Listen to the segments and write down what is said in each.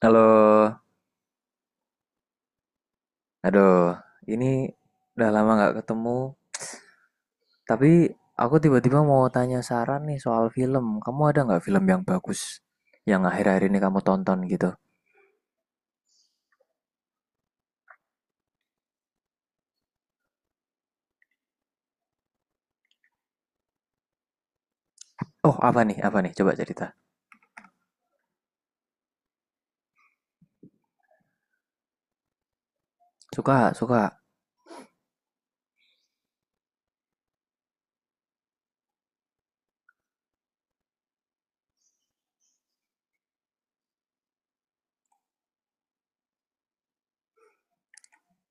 Halo, aduh, ini udah lama nggak ketemu. Tapi aku tiba-tiba mau tanya saran nih soal film. Kamu ada nggak film yang bagus yang akhir-akhir ini kamu tonton gitu? Oh, apa nih? Apa nih? Coba cerita. Suka, suka.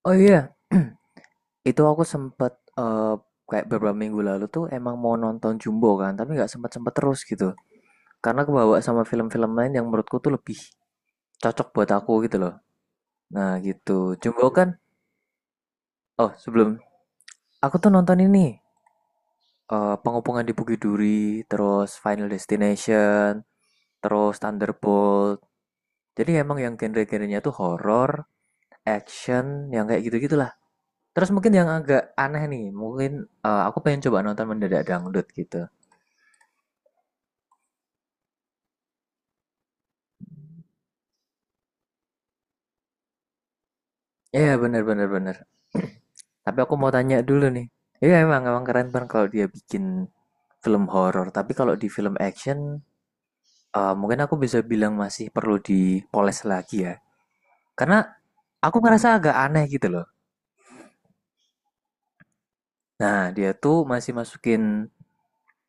Oh iya, itu aku sempet kayak beberapa minggu lalu tuh emang mau nonton Jumbo kan, tapi nggak sempet-sempet terus gitu. Karena kebawa sama film-film lain yang menurutku tuh lebih cocok buat aku gitu loh. Nah gitu, Jumbo kan. Oh sebelum aku tuh nonton ini. Pengepungan di Bukit Duri, terus Final Destination, terus Thunderbolt. Jadi emang yang genre-genrenya tuh horror action, yang kayak gitu-gitulah. Terus mungkin yang agak aneh nih, mungkin aku pengen coba nonton Mendadak Dangdut gitu. Iya yeah, bener bener bener. Tapi aku mau tanya dulu nih. Iya yeah, emang emang keren banget kalau dia bikin film horor. Tapi kalau di film action, mungkin aku bisa bilang masih perlu dipoles lagi ya. Karena aku ngerasa agak aneh gitu loh. Nah, dia tuh masih masukin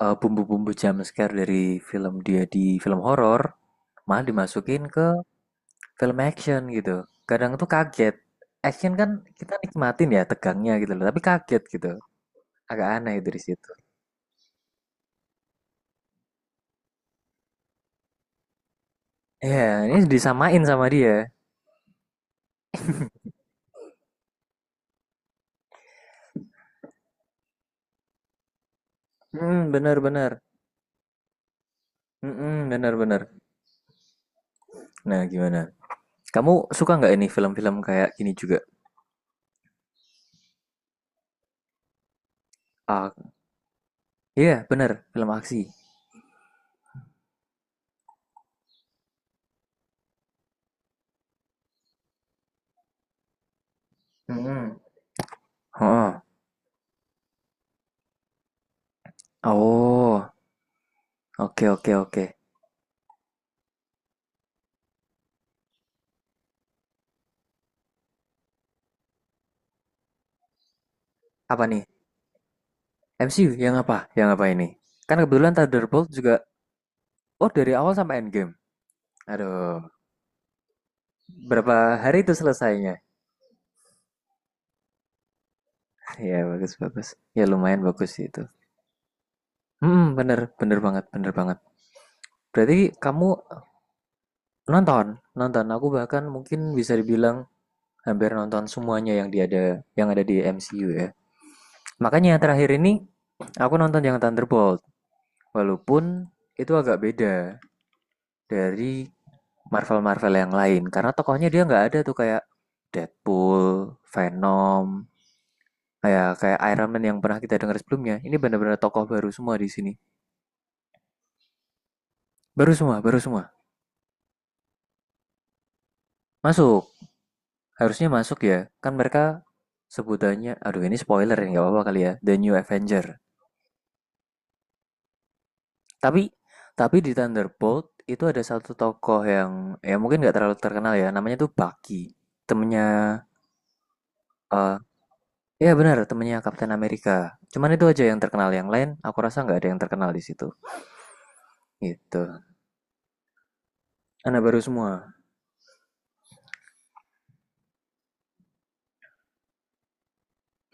bumbu-bumbu jumpscare dari film dia di film horor, malah dimasukin ke film action gitu. Kadang tuh kaget. Action kan kita nikmatin ya tegangnya gitu loh, tapi kaget gitu. Agak aneh dari situ. Ya, ini disamain sama dia. Hmm, bener-bener. Hmm, bener-bener. Nah, gimana? Kamu suka nggak ini film-film kayak gini juga? Ah, iya, bener. Film aksi. Hmm. Oh, oh. Oke, oke, oke. Apa nih? MCU yang apa? Yang apa ini? Kan kebetulan Thunderbolt juga oh dari awal sampai Endgame. Aduh, berapa hari itu selesainya? ya bagus bagus. Ya lumayan bagus sih itu. Hmm, bener bener banget bener banget. Berarti kamu nonton nonton. Aku bahkan mungkin bisa dibilang hampir nonton semuanya yang dia ada yang ada di MCU ya. Makanya terakhir ini aku nonton yang Thunderbolt. Walaupun itu agak beda dari Marvel-Marvel yang lain karena tokohnya dia nggak ada tuh kayak Deadpool, Venom, kayak kayak Iron Man yang pernah kita dengar sebelumnya. Ini benar-benar tokoh baru semua di sini. Baru semua, baru semua. Masuk. Harusnya masuk ya. Kan mereka sebutannya aduh ini spoiler ya nggak apa-apa kali ya. The New Avenger. Tapi tapi di Thunderbolt itu ada satu tokoh yang ya mungkin nggak terlalu terkenal ya. Namanya tuh Bucky. Temennya eh, iya benar, temennya Kapten Amerika. Cuman itu aja yang terkenal. Yang lain, aku rasa nggak ada yang terkenal di situ. Gitu. Anak baru semua.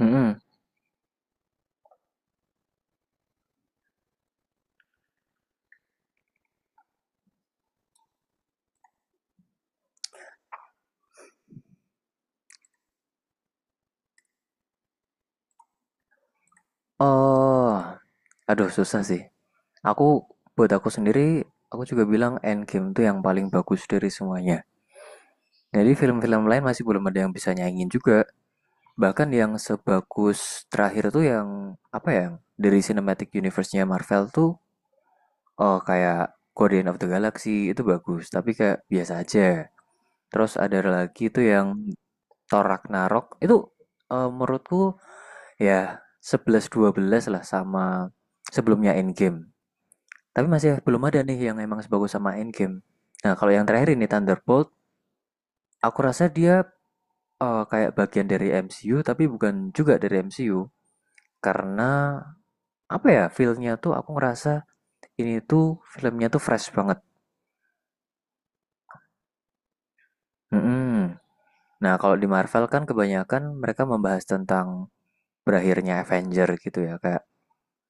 Mm-mm. Oh, aduh susah sih. Aku, buat aku sendiri, aku juga bilang Endgame tuh yang paling bagus dari semuanya. Jadi film-film lain masih belum ada yang bisa nyanyiin juga. Bahkan yang sebagus terakhir tuh yang, apa ya, dari Cinematic Universe-nya Marvel tuh, oh kayak Guardian of the Galaxy itu bagus, tapi kayak biasa aja. Terus ada lagi tuh yang Thor Ragnarok itu menurutku ya sebelas dua belas lah sama sebelumnya Endgame. Tapi masih belum ada nih yang emang sebagus sama Endgame. Nah, kalau yang terakhir ini Thunderbolt, aku rasa dia kayak bagian dari MCU tapi bukan juga dari MCU. Karena apa ya, feel-nya tuh aku ngerasa ini tuh filmnya tuh fresh banget. Mm-mm. Nah, kalau di Marvel kan kebanyakan mereka membahas tentang berakhirnya Avenger gitu ya, kayak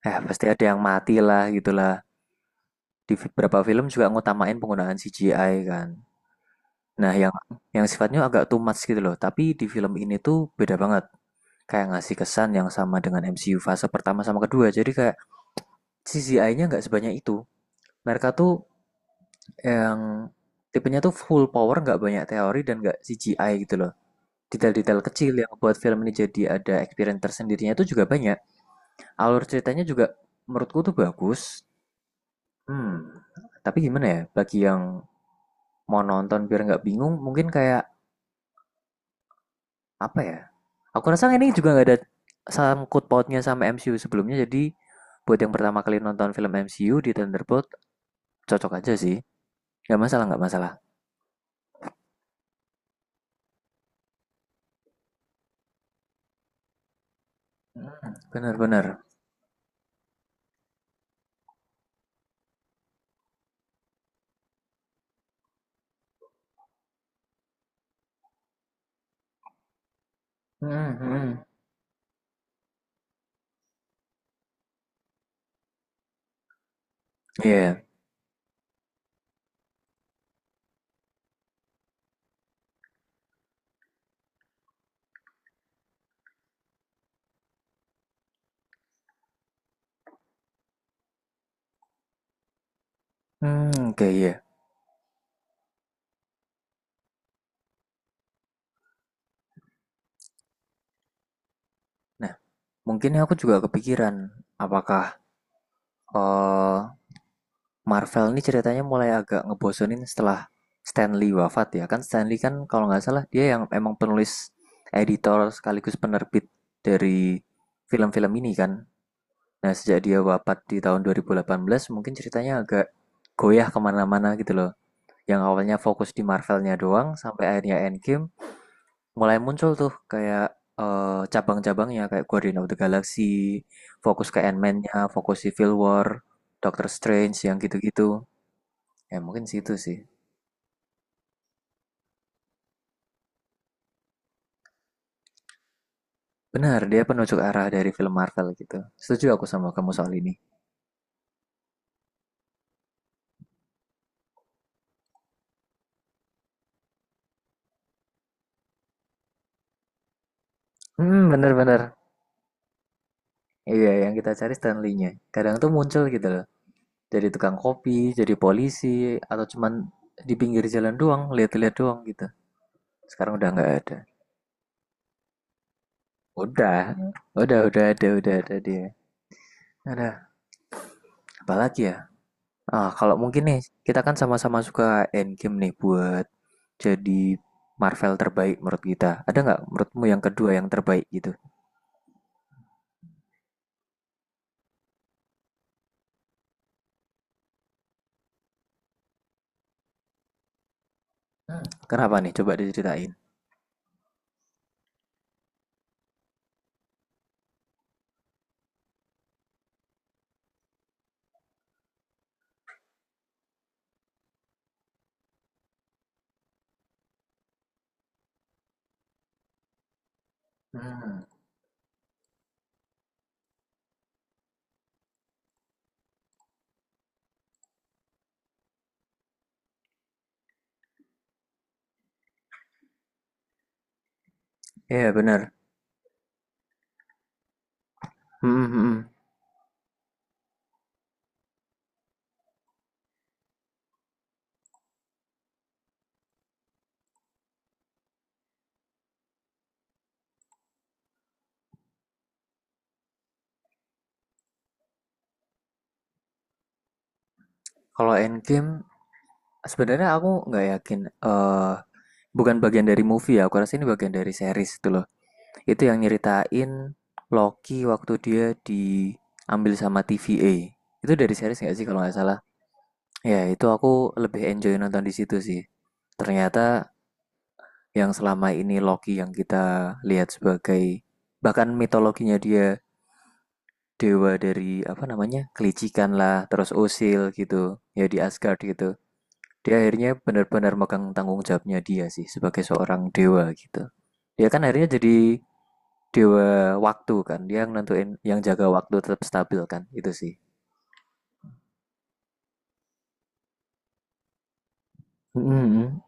pasti ada yang mati lah gitulah. Di beberapa film juga ngutamain penggunaan CGI kan. Nah, yang sifatnya agak too much gitu loh, tapi di film ini tuh beda banget. Kayak ngasih kesan yang sama dengan MCU fase pertama sama kedua. Jadi kayak CGI-nya nggak sebanyak itu. Mereka tuh yang tipenya tuh full power, nggak banyak teori dan nggak CGI gitu loh. Detail-detail kecil yang buat film ini jadi ada experience tersendirinya itu juga banyak. Alur ceritanya juga menurutku tuh bagus. Hmm, tapi gimana ya, bagi yang mau nonton biar nggak bingung, mungkin kayak apa ya? Aku rasa ini juga nggak ada sangkut pautnya sama MCU sebelumnya, jadi buat yang pertama kali nonton film MCU di Thunderbolt cocok aja sih. Nggak masalah, nggak masalah. Bener-bener. Iya. Hmm, oke iya. Nah, mungkin aku juga kepikiran apakah eh, Marvel ini ceritanya mulai agak ngebosenin setelah Stanley wafat ya kan Stanley kan kalau nggak salah dia yang emang penulis editor sekaligus penerbit dari film-film ini kan. Nah, sejak dia wafat di tahun 2018, mungkin ceritanya agak goyah kemana-mana gitu loh. Yang awalnya fokus di Marvelnya doang, sampai akhirnya Endgame mulai muncul tuh kayak cabang-cabangnya kayak Guardian of the Galaxy, fokus ke Ant-Man-nya, fokus Civil War, Doctor Strange yang gitu-gitu. Ya mungkin situ sih. Benar, dia penunjuk arah dari film Marvel gitu. Setuju aku sama kamu soal ini. Hmm, bener-bener. Iya, yang kita cari Stan Lee-nya. Kadang tuh muncul gitu loh. Jadi tukang kopi, jadi polisi, atau cuman di pinggir jalan doang, lihat-lihat doang gitu. Sekarang udah nggak ada. Udah, udah ada dia. Ada, apalagi ya? Ah, kalau mungkin nih, kita kan sama-sama suka Endgame nih buat jadi Marvel terbaik menurut kita. Ada nggak menurutmu yang kedua yang terbaik gitu? Hmm. Kenapa nih? Coba diceritain. Iya hmm. Yeah, benar. Hmm, hmm, hmm. Kalau Endgame sebenarnya aku nggak yakin, bukan bagian dari movie ya, aku rasa ini bagian dari series itu loh. Itu yang nyeritain Loki waktu dia diambil sama TVA. Itu dari series nggak sih kalau nggak salah? Ya itu aku lebih enjoy nonton di situ sih. Ternyata yang selama ini Loki yang kita lihat sebagai bahkan mitologinya dia dewa dari apa namanya kelicikan lah, terus usil gitu, ya di Asgard gitu. Dia akhirnya benar-benar megang tanggung jawabnya dia sih sebagai seorang dewa gitu. Dia kan akhirnya jadi dewa waktu kan, dia yang nentuin yang jaga waktu tetap stabil kan, itu sih. Mm-mm.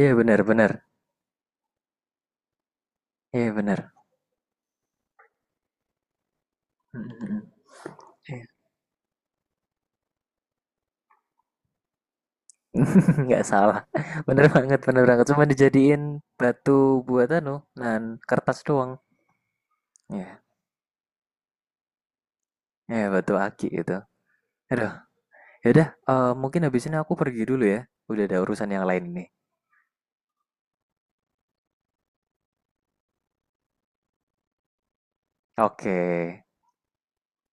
Iya benar-benar, iya benar. Mm-mm. Nggak salah, bener banget, bener banget. Cuma dijadiin batu buat anu, dan kertas doang. Ya, ya batu aki itu. Aduh, yaudah, mungkin habis ini aku pergi dulu ya. Udah ada urusan yang lain nih. Oke. Okay.